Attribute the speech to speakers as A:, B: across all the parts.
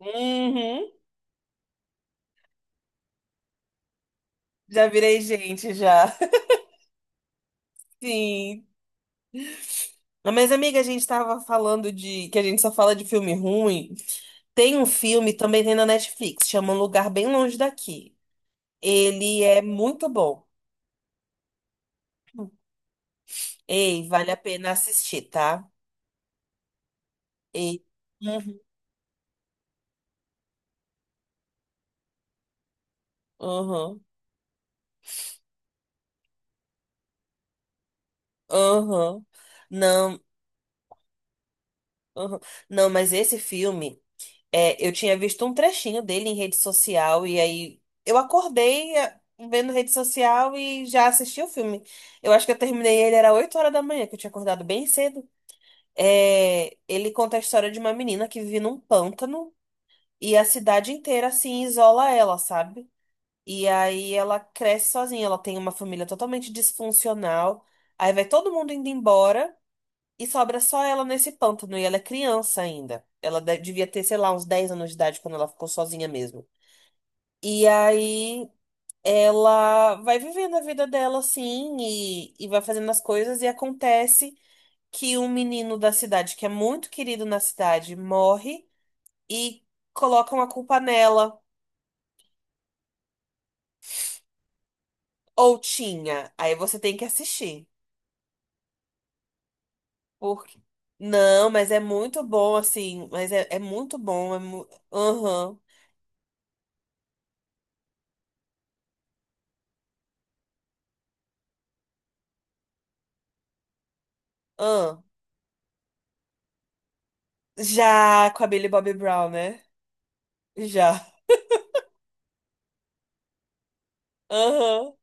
A: Uhum. Já virei gente, já. Sim. Mas, amiga, a gente tava falando de... Que a gente só fala de filme ruim. Tem um filme, também tem na Netflix, chama Um Lugar Bem Longe Daqui. Ele é muito bom. Ei, vale a pena assistir, tá? Ei. Uhum. Uhum. Uhum. Não. Uhum. Não, mas esse filme... É, eu tinha visto um trechinho dele em rede social e aí eu acordei vendo rede social e já assisti o filme. Eu acho que eu terminei ele era 8 horas da manhã, que eu tinha acordado bem cedo. É, ele conta a história de uma menina que vive num pântano e a cidade inteira assim isola ela, sabe? E aí ela cresce sozinha, ela tem uma família totalmente disfuncional. Aí vai todo mundo indo embora. E sobra só ela nesse pântano, e ela é criança ainda. Ela devia ter, sei lá, uns 10 anos de idade quando ela ficou sozinha mesmo. E aí ela vai vivendo a vida dela assim, e vai fazendo as coisas, e acontece que um menino da cidade, que é muito querido na cidade, morre e colocam a culpa nela. Ou tinha. Aí você tem que assistir. Porque. Não, mas é muito bom, assim. Mas é muito bom. Aham. Ahn. Já, com a Billy Bobby Brown, né? Já. Aham.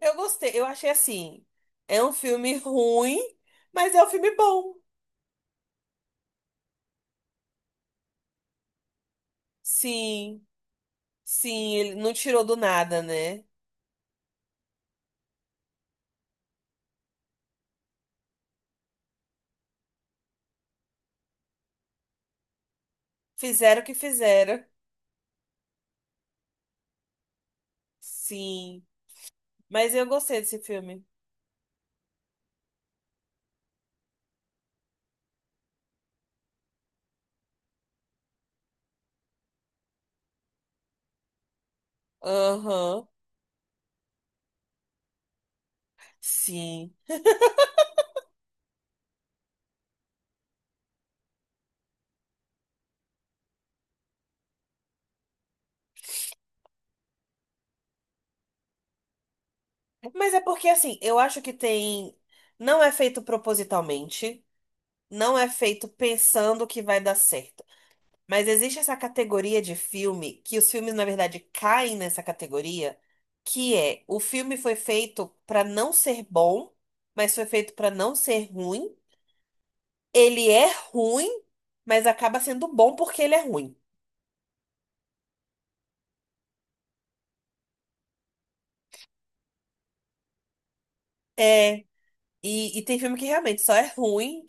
A: Eu gostei. Eu achei assim. É um filme ruim, mas é um filme bom. Sim. Sim, ele não tirou do nada, né? Fizeram o que fizeram. Sim. Mas eu gostei desse filme. Aham. Sim. Mas é porque, assim, eu acho que tem. Não é feito propositalmente. Não é feito pensando que vai dar certo. Mas existe essa categoria de filme, que os filmes, na verdade, caem nessa categoria, que é o filme foi feito pra não ser bom, mas foi feito pra não ser ruim. Ele é ruim, mas acaba sendo bom porque ele é ruim. É, e tem filme que realmente só é ruim.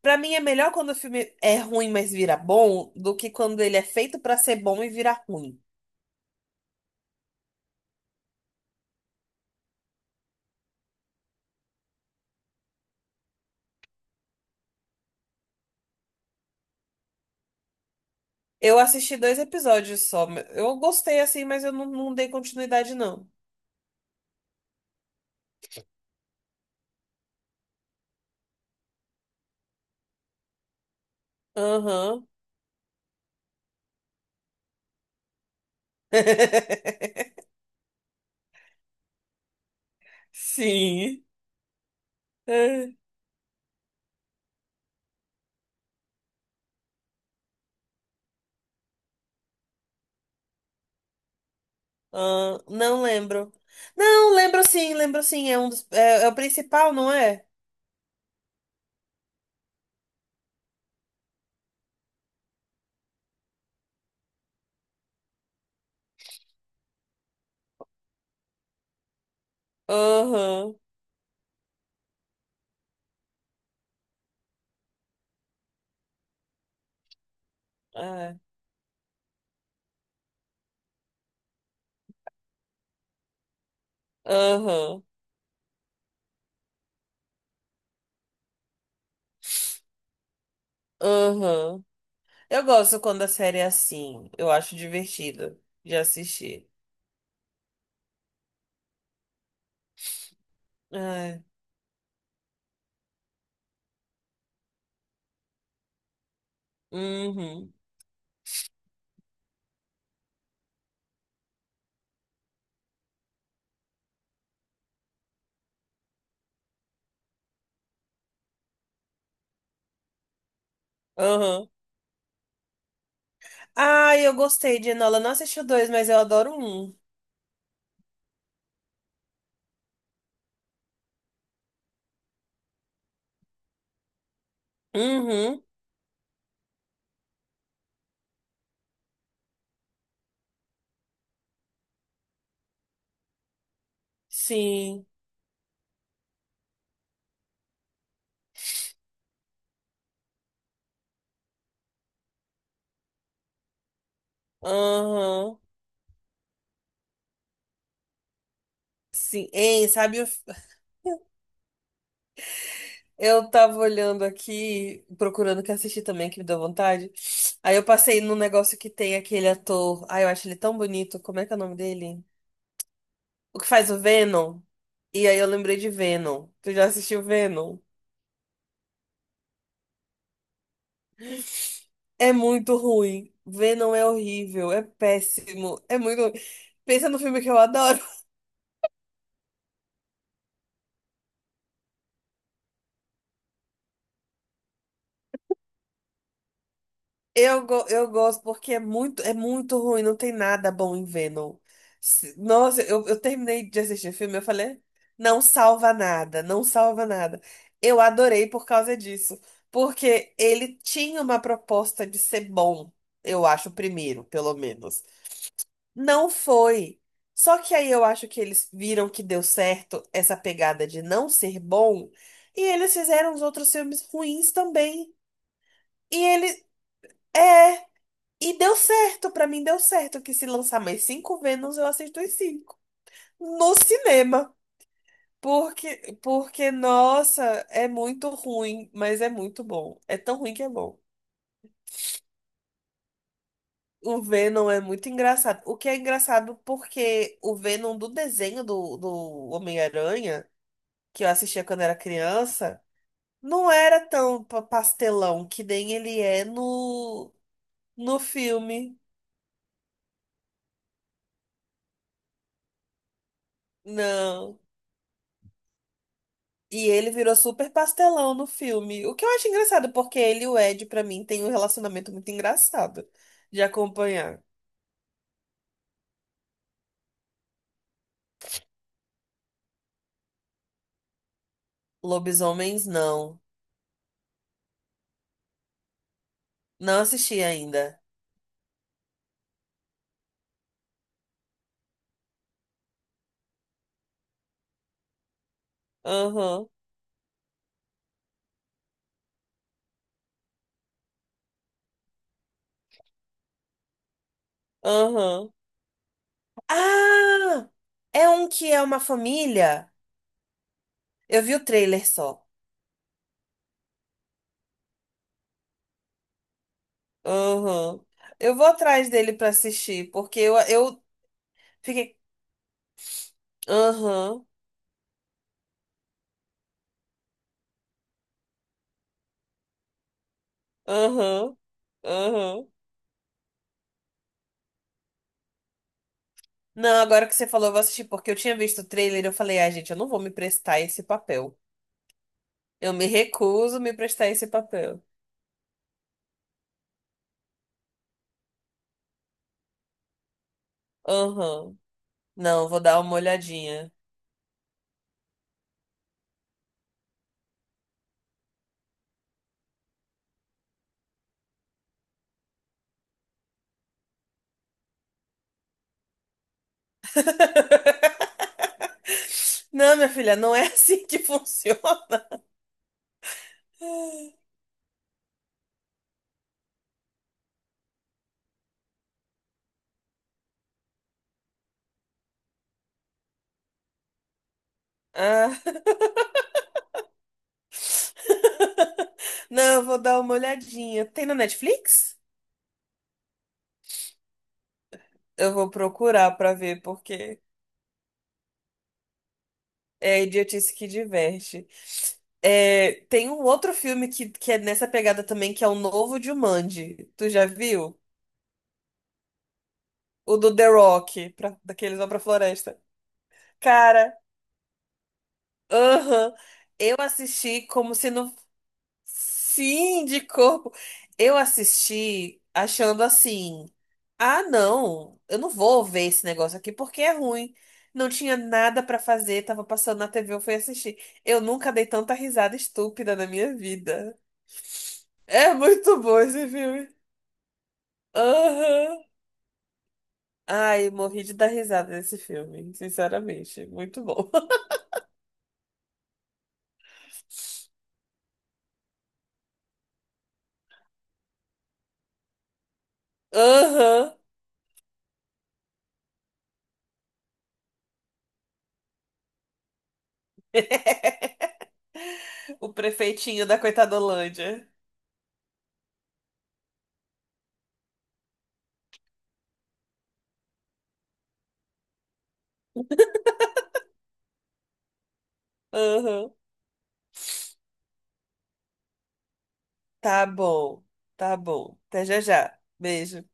A: Pra mim é melhor quando o filme é ruim, mas vira bom, do que quando ele é feito pra ser bom e vira ruim. Eu assisti dois episódios só. Eu gostei assim, mas eu não dei continuidade, não. Aham. Sim. É. Ah, não lembro. Não, lembro sim, lembro sim. É o principal, não é? Aham. É. Aham. Aham. Eu gosto quando a série é assim. Eu acho divertido de assistir. É. Uhum. Aham. Ah, eu gostei de Enola. Não assisti o dois, mas eu adoro um. Uhum. Sim. Aham. Sim. Hein, sabe o. Eu tava olhando aqui, procurando o que assistir também, que me deu vontade. Aí eu passei num negócio que tem aquele ator. Ai, eu acho ele tão bonito. Como é que é o nome dele? O que faz o Venom. E aí eu lembrei de Venom. Tu já assistiu Venom? É muito ruim. Venom é horrível, é péssimo, é muito ruim. Pensa no filme que eu adoro. Eu gosto porque é muito ruim, não tem nada bom em Venom. Se- Nossa, eu terminei de assistir o filme, eu falei, não salva nada, não salva nada. Eu adorei por causa disso, porque ele tinha uma proposta de ser bom, eu acho, o primeiro, pelo menos. Não foi. Só que aí eu acho que eles viram que deu certo essa pegada de não ser bom, e eles fizeram os outros filmes ruins também. E ele é. E deu certo, pra mim deu certo que se lançar mais 5 Vênus, eu assisto os 5. No cinema. Nossa, é muito ruim, mas é muito bom. É tão ruim que é bom. O Venom é muito engraçado. O que é engraçado porque o Venom do desenho do Homem-Aranha, que eu assistia quando era criança, não era tão pastelão que nem ele é no filme. Não. E ele virou super pastelão no filme. O que eu acho engraçado, porque ele e o Ed, pra mim, tem um relacionamento muito engraçado de acompanhar. Lobisomens, não. Não assisti ainda. Aham, aham. Ah! É um que é uma família? Eu vi o trailer só. Aham. Eu vou atrás dele pra assistir, porque eu fiquei. Aham, aham, aham. Não, agora que você falou, eu vou assistir, porque eu tinha visto o trailer e eu falei, ah, gente, eu não vou me prestar esse papel. Eu me recuso a me prestar esse papel. Aham. Não, vou dar uma olhadinha. Não, minha filha, não é assim que funciona. Ah. Não, eu vou dar uma olhadinha. Tem na Netflix? Eu vou procurar pra ver, porque é idiotice que diverte. É, tem um outro filme que é nessa pegada também, que é o novo Jumanji. Tu já viu? O do The Rock, pra, daqueles vão pra floresta. Cara, aham. Eu assisti como se não. Sim, de corpo. Eu assisti achando assim. Ah, não, eu não vou ver esse negócio aqui porque é ruim. Não tinha nada pra fazer, tava passando na TV, eu fui assistir. Eu nunca dei tanta risada estúpida na minha vida. É muito bom esse filme. Aham. Ai, morri de dar risada nesse filme, sinceramente. Muito bom. Aham. O prefeitinho da Coitadolândia. Aham. Tá bom. Tá bom. Até já já. Beijo.